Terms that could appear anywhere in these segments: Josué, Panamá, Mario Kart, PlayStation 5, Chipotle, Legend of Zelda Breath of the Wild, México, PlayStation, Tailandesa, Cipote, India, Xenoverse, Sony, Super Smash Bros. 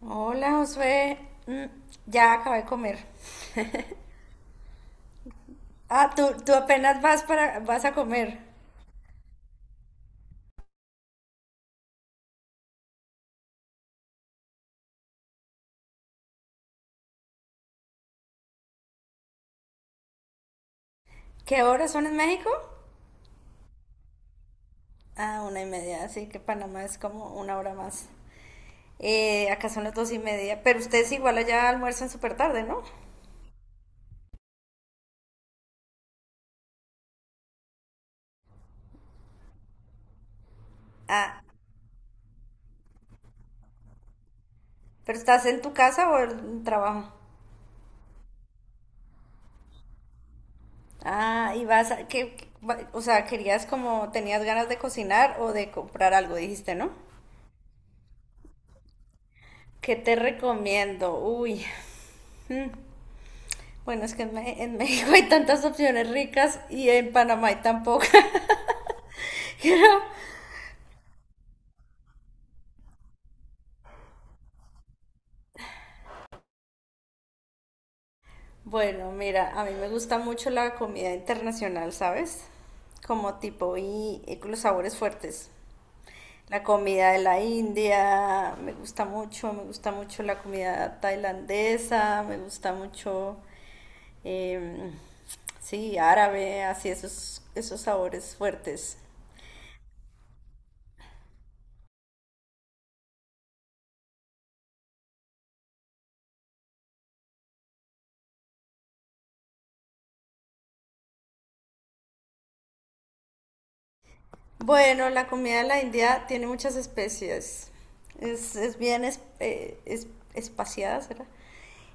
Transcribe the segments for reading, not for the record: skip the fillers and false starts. Hola, Josué. Mm, ya acabé de comer. Ah, tú apenas vas vas a comer. ¿Qué horas son en México? Ah, una y media, así que Panamá es como una hora más. Acá son las dos y media, pero ustedes igual allá almuerzan súper tarde, ¿no? Ah, ¿pero estás en tu casa o en trabajo? Ah, y vas a, que, o sea, querías como, tenías ganas de cocinar o de comprar algo, dijiste, ¿no? ¿Qué te recomiendo? Uy, bueno, es que en México hay tantas opciones ricas y en Panamá hay tan pocas. Pero bueno, mira, a mí me gusta mucho la comida internacional, ¿sabes? Como tipo y con los sabores fuertes. La comida de la India me gusta mucho la comida tailandesa, me gusta mucho, em, sí, árabe, así esos, esos sabores fuertes. Bueno, la comida de la India tiene muchas especies. Es bien es- ¿Espaciada, será?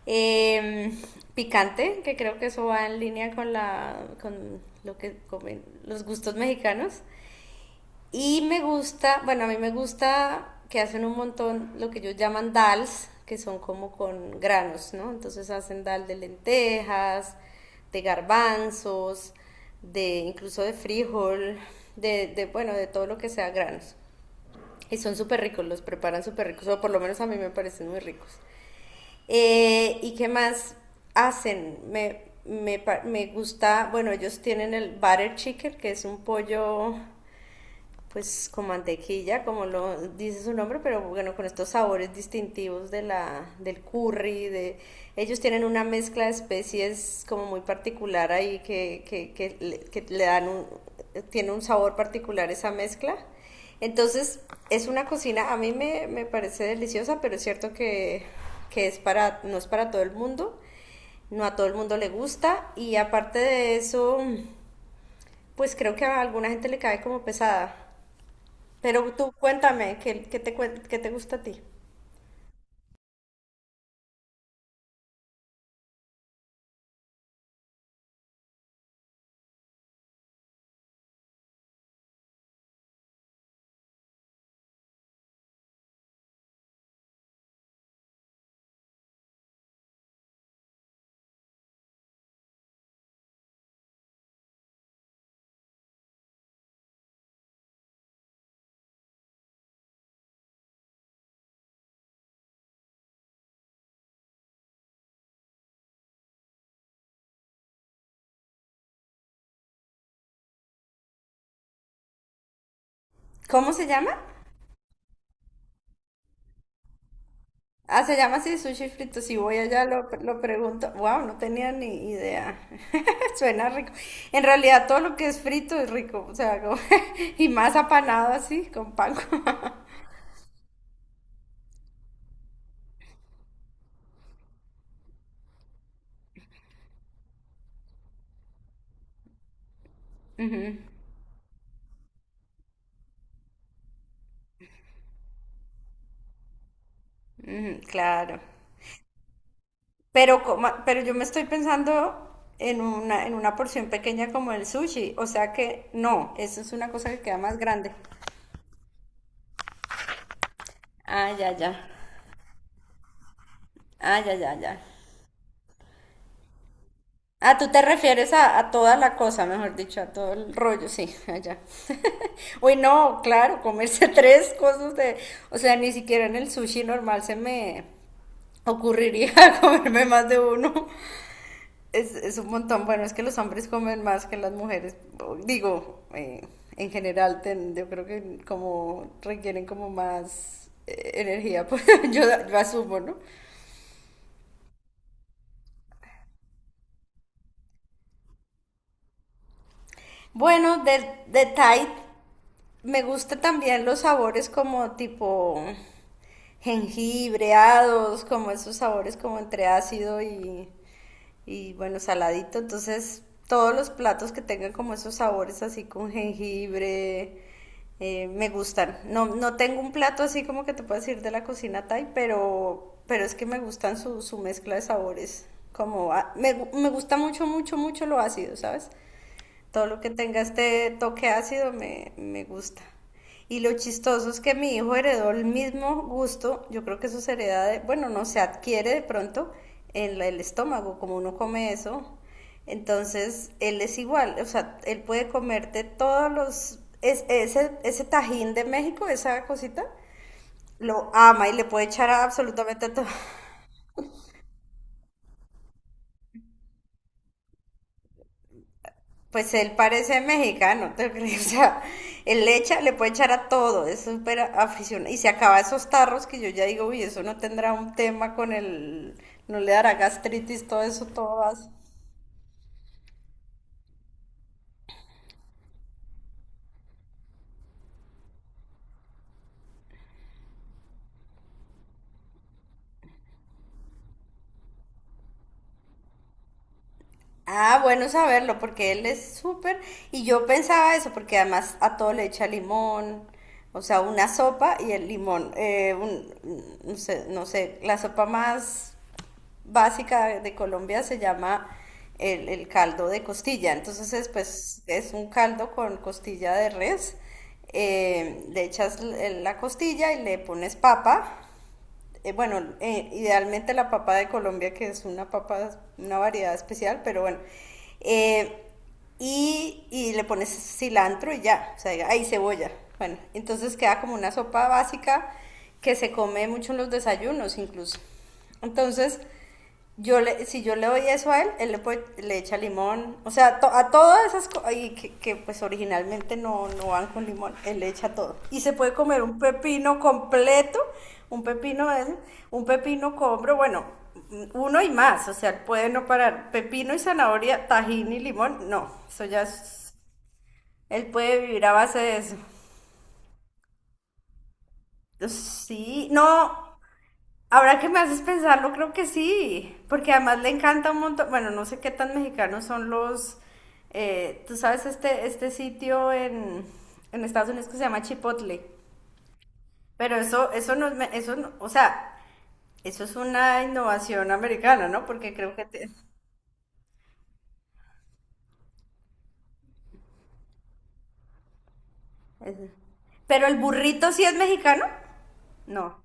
Em, Picante, que creo que eso va en línea con la, con lo que comen los gustos mexicanos. Y me gusta, bueno, a mí me gusta que hacen un montón lo que ellos llaman dals, que son como con granos, ¿no? Entonces hacen dal de lentejas, de garbanzos, de incluso de frijol, de bueno, de todo lo que sea granos. Y son súper ricos, los preparan súper ricos, o por lo menos a mí me parecen muy ricos. ¿Y qué más hacen? Me gusta, bueno, ellos tienen el butter chicken, que es un pollo pues con mantequilla, como lo dice su nombre, pero bueno, con estos sabores distintivos de la, del curry, de ellos tienen una mezcla de especies como muy particular ahí que le dan un, tiene un sabor particular esa mezcla. Entonces, es una cocina, me parece deliciosa, pero es cierto que es para, no es para todo el mundo, no a todo el mundo le gusta y aparte de eso, pues creo que a alguna gente le cae como pesada. Pero tú cuéntame, ¿qué te gusta a ti? ¿Cómo se llama? Ah, se llama así, sushi frito. Si voy allá lo pregunto. Wow, no tenía ni idea. Suena rico. En realidad todo lo que es frito es rico. O sea, como y más apanado así, con pan. Mm, claro. Pero yo me estoy pensando en en una porción pequeña como el sushi. O sea que no, eso es una cosa que queda más grande. Ah, ya, ya. Ah, ya, ya, ya. Ah, tú te refieres a toda la cosa, mejor dicho, a todo el rollo, sí, allá. Uy, no, claro, comerse tres cosas de, o sea, ni siquiera en el sushi normal se me ocurriría comerme más de uno. Es un montón, bueno, es que los hombres comen más que las mujeres, digo, en general, yo creo que como requieren como más energía, pues yo, yo asumo, ¿no? Bueno, de Tide. Me gusta también los sabores como tipo jengibreados, como esos sabores como entre ácido y bueno, saladito. Entonces, todos los platos que tengan como esos sabores así con jengibre, me gustan. No, no tengo un plato así como que te puedas decir de la cocina Thai, pero es que me gustan su mezcla de sabores. Como a- me, gu- Me gusta mucho, mucho, mucho lo ácido, ¿sabes? Todo lo que tenga este toque ácido me gusta. Y lo chistoso es que mi hijo heredó el mismo gusto, yo creo que eso se hereda de, bueno, no se adquiere de pronto en el estómago, como uno come eso. Entonces, él es igual, o sea, él puede comerte todos los, ese tajín de México, esa cosita, lo ama y le puede echar a absolutamente todo. Pues él parece mexicano, ¿te crees? O sea, él le echa, le puede echar a todo, es súper aficionado. Y se acaba esos tarros que yo ya digo, uy, eso no tendrá un tema con el, no le dará gastritis, todo eso, todo así. Ah, bueno saberlo, porque él es súper, y yo pensaba eso, porque además a todo le echa limón, o sea, una sopa y el limón, un, no sé, no sé, la sopa más básica de Colombia se llama el caldo de costilla. Entonces es, pues, es un caldo con costilla de res. La costilla y le pones papa. Bueno, Idealmente la papa de Colombia, que es una papa, una variedad especial, pero bueno. Eh, y le pones cilantro y ya, o sea, ahí cebolla. Bueno, entonces queda como una sopa básica que se come mucho en los desayunos incluso. Entonces, yo le, si yo le doy eso a él, le echa limón. O sea, a todas esas cosas que, pues originalmente no, no van con limón, él le echa todo. Y se puede comer un pepino completo, un pepino de ese, un pepino con hombro, bueno, uno y más. O sea, él puede no parar. Pepino y zanahoria, tajín y limón, no. Eso ya es... Él puede vivir a base de eso. Sí, no, ahora que me haces pensarlo, creo que sí, porque además le encanta un montón, bueno, no sé qué tan mexicanos son los, tú sabes, este sitio en Estados Unidos que se llama Chipotle, pero eso no, o sea, eso es una innovación americana, ¿no? Porque creo que... es- pero el burrito sí es mexicano, no.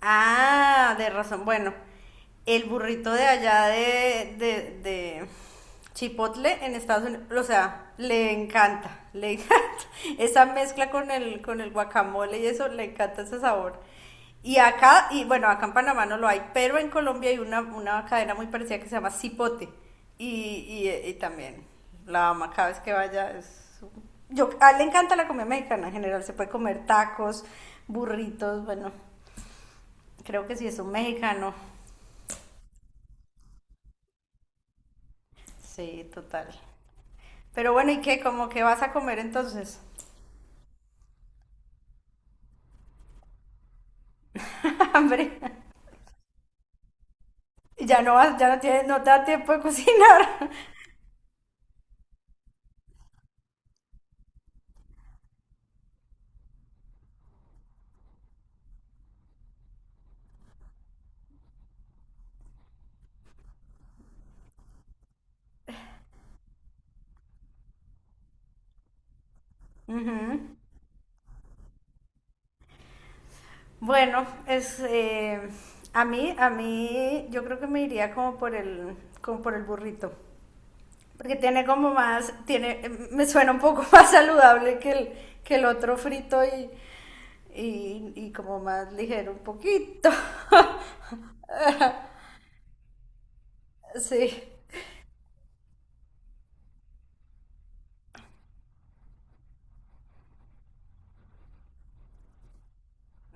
Ah, de razón. Bueno, el burrito de allá de Chipotle en Estados Unidos, o sea, le encanta, le encanta. Esa mezcla con el guacamole y eso, le encanta ese sabor. Y acá, y bueno, acá en Panamá no lo hay, pero en Colombia hay una cadena muy parecida que se llama Cipote. Y también la ama cada vez que vaya. Es... Yo, a él le encanta la comida mexicana en general, se puede comer tacos, burritos, bueno, creo que sí es un mexicano. Sí, total. Pero bueno, ¿y qué? ¿Cómo que vas a comer entonces? Hambre. Ya no vas, ya no tienes, no te da tiempo de cocinar. Bueno, es a mí, yo creo que me iría como por como por el burrito. Porque tiene como más, tiene, mm, me suena un poco más saludable que que el otro frito y como más ligero un poquito. Sí.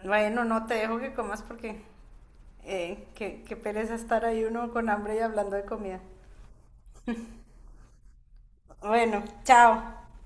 Bueno, no te dejo que comas porque... qué pereza estar ahí uno con hambre y hablando de comida. Bueno, chao.